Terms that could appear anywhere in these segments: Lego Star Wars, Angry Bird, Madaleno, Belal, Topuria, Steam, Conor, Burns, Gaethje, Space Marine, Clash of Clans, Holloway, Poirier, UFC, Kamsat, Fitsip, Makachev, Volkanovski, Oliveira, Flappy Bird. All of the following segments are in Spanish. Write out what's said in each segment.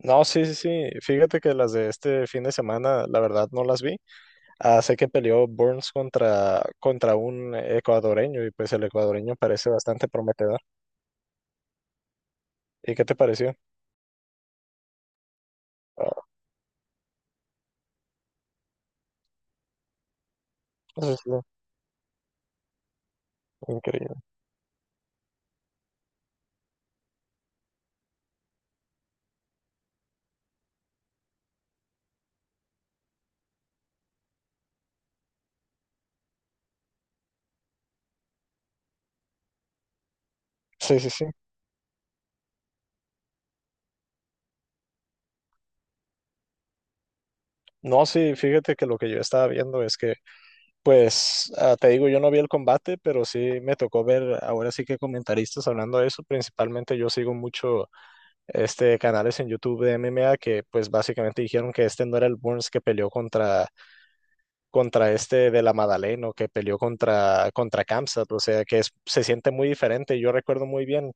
No, sí, sí, sí. Fíjate que las de este fin de semana, la verdad, no las vi. Ah, sé que peleó Burns contra un ecuadoreño y pues el ecuadoreño parece bastante prometedor. ¿Y qué te pareció? Ah, eso es lo increíble. Sí, sí, sí. No, sí, fíjate que lo que yo estaba viendo es que, pues, te digo, yo no vi el combate, pero sí me tocó ver ahora sí que comentaristas hablando de eso. Principalmente yo sigo mucho este canales en YouTube de MMA que pues básicamente dijeron que este no era el Burns que peleó contra este de la Madaleno que peleó contra Kamsat, o sea, se siente muy diferente. Yo recuerdo muy bien,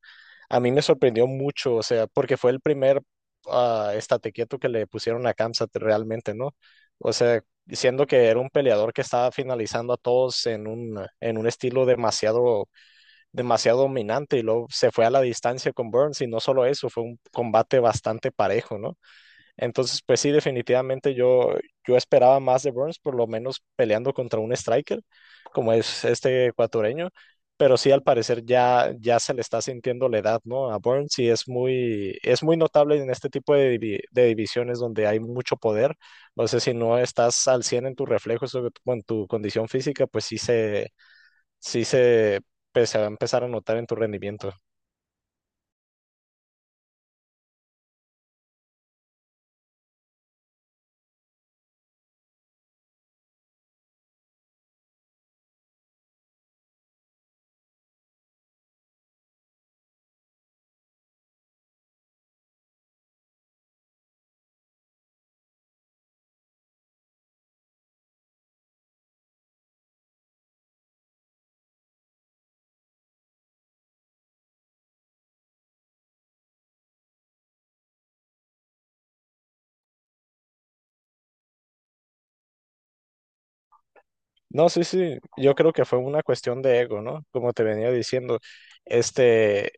a mí me sorprendió mucho, o sea, porque fue el primer estate quieto que le pusieron a Kamsat realmente, ¿no? O sea, siendo que era un peleador que estaba finalizando a todos en un estilo demasiado, demasiado dominante y luego se fue a la distancia con Burns y no solo eso, fue un combate bastante parejo, ¿no? Entonces, pues sí, definitivamente yo esperaba más de Burns, por lo menos peleando contra un striker, como es este ecuatoriano, pero sí al parecer ya se le está sintiendo la edad, ¿no? A Burns y es muy notable en este tipo de, de divisiones donde hay mucho poder. No sé si no estás al 100 en tus reflejos o con tu condición física, sí se, pues, se va a empezar a notar en tu rendimiento. No, sí, sí, yo creo que fue una cuestión de ego, ¿no? Como te venía diciendo, este,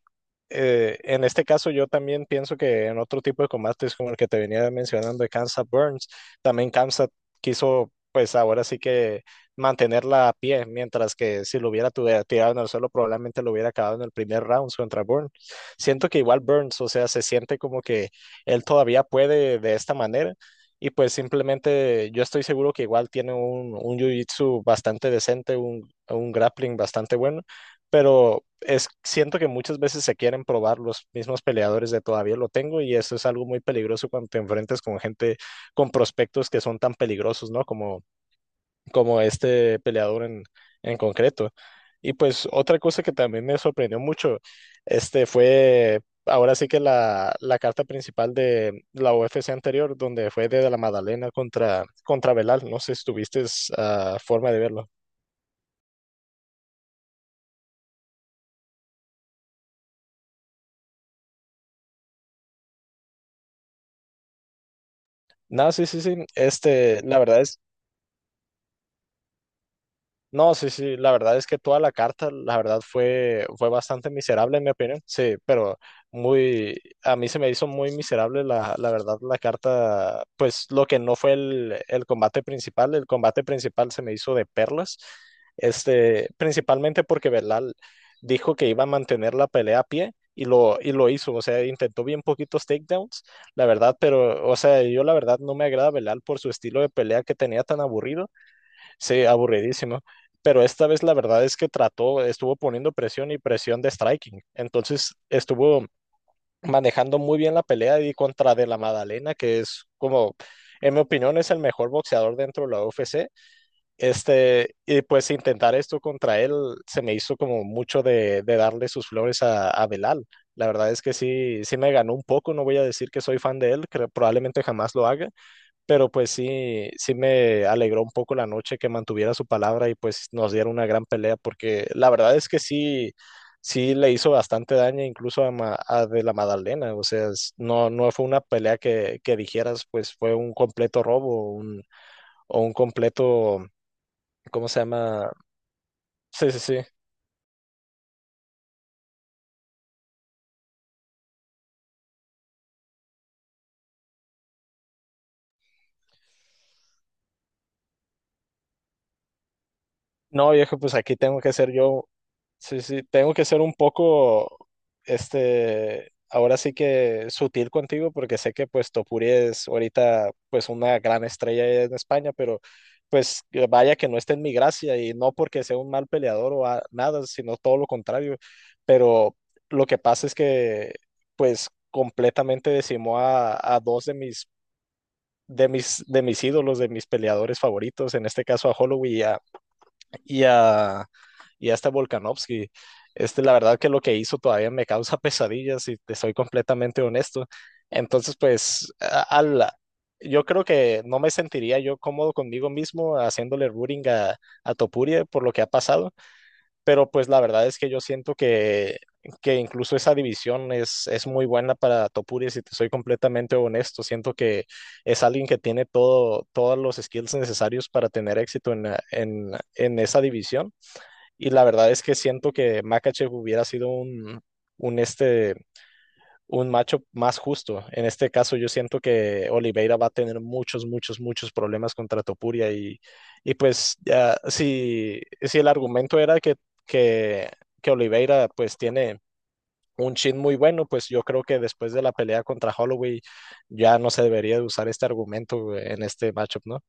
en este caso yo también pienso que en otro tipo de combates como el que te venía mencionando de Kansas Burns, también Kansas quiso, pues ahora sí que mantenerla a pie, mientras que si lo hubiera tirado en el suelo probablemente lo hubiera acabado en el primer round contra Burns. Siento que igual Burns, o sea, se siente como que él todavía puede de esta manera y pues simplemente yo estoy seguro que igual tiene un jiu-jitsu bastante decente, un grappling bastante bueno, pero es, siento que muchas veces se quieren probar los mismos peleadores de todavía lo tengo y eso es algo muy peligroso cuando te enfrentas con gente, con prospectos que son tan peligrosos, ¿no? Como este peleador en concreto. Y pues otra cosa que también me sorprendió mucho, este fue ahora sí que la carta principal de la UFC anterior, donde fue de la Madalena contra Belal. No sé si tuviste forma de verlo. No, sí, sí, sí. Este, la verdad es no, sí, sí, la verdad es que toda la carta, la verdad fue bastante miserable en mi opinión, sí, pero muy, a mí se me hizo muy miserable la verdad la carta, pues lo que no fue el combate principal se me hizo de perlas, este, principalmente porque Belal dijo que iba a mantener la pelea a pie y lo hizo, o sea, intentó bien poquitos takedowns, la verdad, pero, o sea, yo la verdad no me agrada Belal por su estilo de pelea que tenía tan aburrido. Sí, aburridísimo. Pero esta vez la verdad es que trató, estuvo poniendo presión y presión de striking. Entonces estuvo manejando muy bien la pelea y contra De La Madalena, que es como, en mi opinión, es el mejor boxeador dentro de la UFC. Este, y pues intentar esto contra él se me hizo como mucho de darle sus flores a Belal. La verdad es que sí, sí me ganó un poco. No voy a decir que soy fan de él, que probablemente jamás lo haga, pero pues sí, sí me alegró un poco la noche que mantuviera su palabra y pues nos dieron una gran pelea porque la verdad es que sí, sí le hizo bastante daño incluso a de la Madalena. O sea, no, no fue una pelea que dijeras, pues fue un completo robo un, o un completo, ¿cómo se llama? Sí, sí, sí. No, viejo, pues aquí tengo que ser yo. Sí, sí, tengo que ser un poco, este, ahora sí que sutil contigo porque sé que pues Topuri es ahorita pues una gran estrella en España, pero pues vaya que no está en mi gracia y no porque sea un mal peleador nada, sino todo lo contrario, pero lo que pasa es que pues completamente decimó a dos de mis, de mis ídolos, de mis peleadores favoritos, en este caso a Holloway y a, y a este Volkanovski. Este, la verdad que lo que hizo todavía me causa pesadillas, y te soy completamente honesto. Entonces, yo creo que no me sentiría yo cómodo conmigo mismo haciéndole rooting a Topuria por lo que ha pasado, pero pues la verdad es que yo siento que incluso esa división es muy buena para Topuria, si te soy completamente honesto, siento que es alguien que tiene todo, todos los skills necesarios para tener éxito en esa división y la verdad es que siento que Makachev hubiera sido un este un macho más justo. En este caso, yo siento que Oliveira va a tener muchos, muchos, muchos problemas contra Topuria y pues ya, si el argumento era que, que Oliveira pues tiene un chin muy bueno, pues yo creo que después de la pelea contra Holloway ya no se debería de usar este argumento en este matchup, ¿no?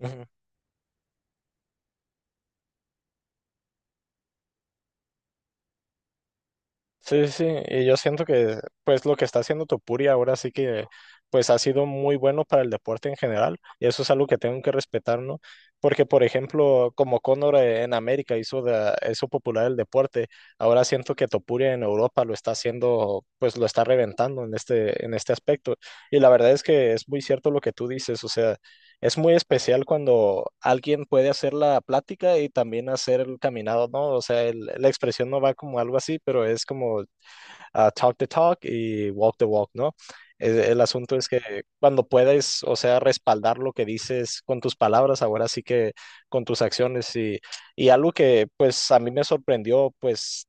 Ujú. Sí, sí, sí, y yo siento que pues lo que está haciendo Topuria ahora sí que pues ha sido muy bueno para el deporte en general y eso es algo que tengo que respetar, ¿no? Porque por ejemplo, como Conor en América hizo de, eso popular el deporte, ahora siento que Topuria en Europa lo está haciendo, pues lo está reventando en este aspecto y la verdad es que es muy cierto lo que tú dices, o sea, es muy especial cuando alguien puede hacer la plática y también hacer el caminado, ¿no? O sea, la expresión no va como algo así, pero es como ah, talk the talk y walk the walk, ¿no? El asunto es que cuando puedes, o sea, respaldar lo que dices con tus palabras, ahora sí que con tus acciones y algo que pues a mí me sorprendió, pues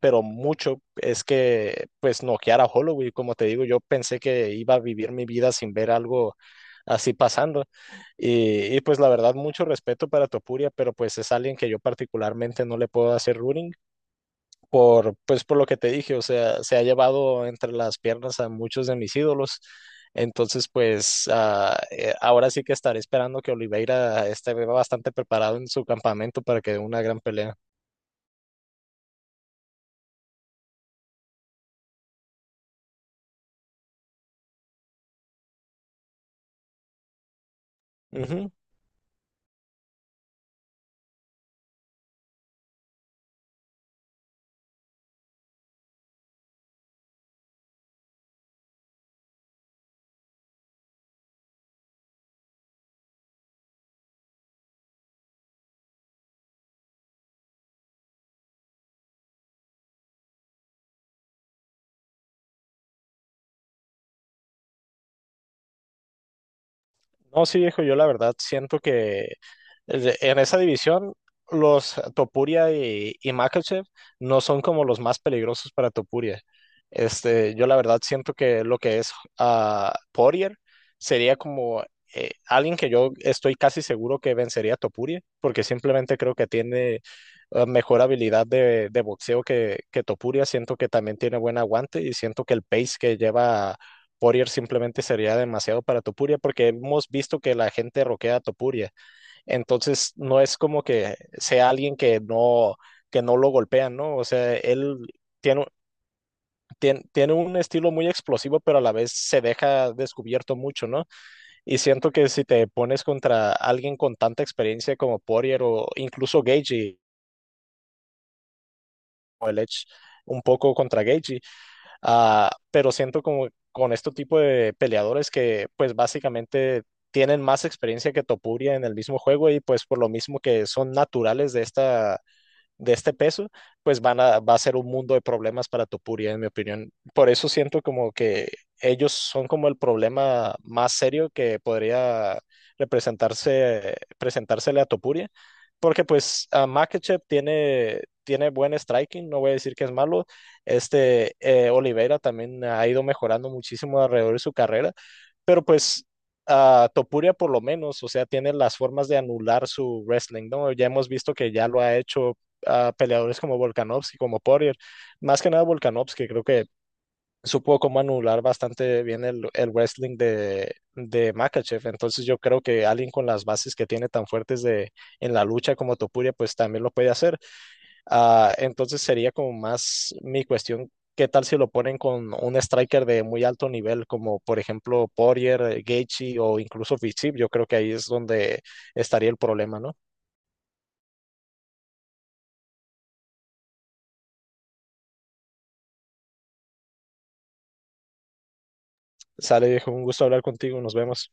pero mucho es que pues noquear a Holloway, como te digo, yo pensé que iba a vivir mi vida sin ver algo así pasando. Pues la verdad, mucho respeto para Topuria, pero pues es alguien que yo particularmente no le puedo hacer ruling por, pues por lo que te dije, o sea, se ha llevado entre las piernas a muchos de mis ídolos. Entonces, ahora sí que estaré esperando que Oliveira esté bastante preparado en su campamento para que dé una gran pelea. Ujú. No, sí, viejo, yo la verdad siento que en esa división los Topuria y Makachev no son como los más peligrosos para Topuria. Este, yo la verdad siento que lo que es Poirier sería como alguien que yo estoy casi seguro que vencería a Topuria, porque simplemente creo que tiene mejor habilidad de boxeo que Topuria. Siento que también tiene buen aguante y siento que el pace que lleva Poirier simplemente sería demasiado para Topuria porque hemos visto que la gente roquea a Topuria. Entonces no es como que sea alguien que no lo golpean, ¿no? O sea, él tiene, tiene un estilo muy explosivo, pero a la vez se deja descubierto mucho, ¿no? Y siento que si te pones contra alguien con tanta experiencia como Poirier o incluso Gagey o el Edge, un poco contra Gagey, ah, pero siento como con este tipo de peleadores que pues básicamente tienen más experiencia que Topuria en el mismo juego y pues por lo mismo que son naturales de esta de este peso, pues van a, va a ser un mundo de problemas para Topuria, en mi opinión. Por eso siento como que ellos son como el problema más serio que podría representarse, presentársele a Topuria, porque pues a Makachev tiene, tiene buen striking, no voy a decir que es malo, Oliveira también ha ido mejorando muchísimo alrededor de su carrera. Pero pues Topuria por lo menos, o sea, tiene las formas de anular su wrestling, ¿no? Ya hemos visto que ya lo ha hecho peleadores como Volkanovski, como Poirier, más que nada Volkanovski, creo que supo cómo anular bastante bien el wrestling de Makhachev. Entonces yo creo que alguien con las bases que tiene tan fuertes de, en la lucha como Topuria, pues también lo puede hacer. Ah, entonces sería como más mi cuestión, ¿qué tal si lo ponen con un striker de muy alto nivel, como por ejemplo Poirier, Gaethje o incluso Fitsip? Yo creo que ahí es donde estaría el problema, ¿no? Sale, viejo, un gusto hablar contigo, nos vemos.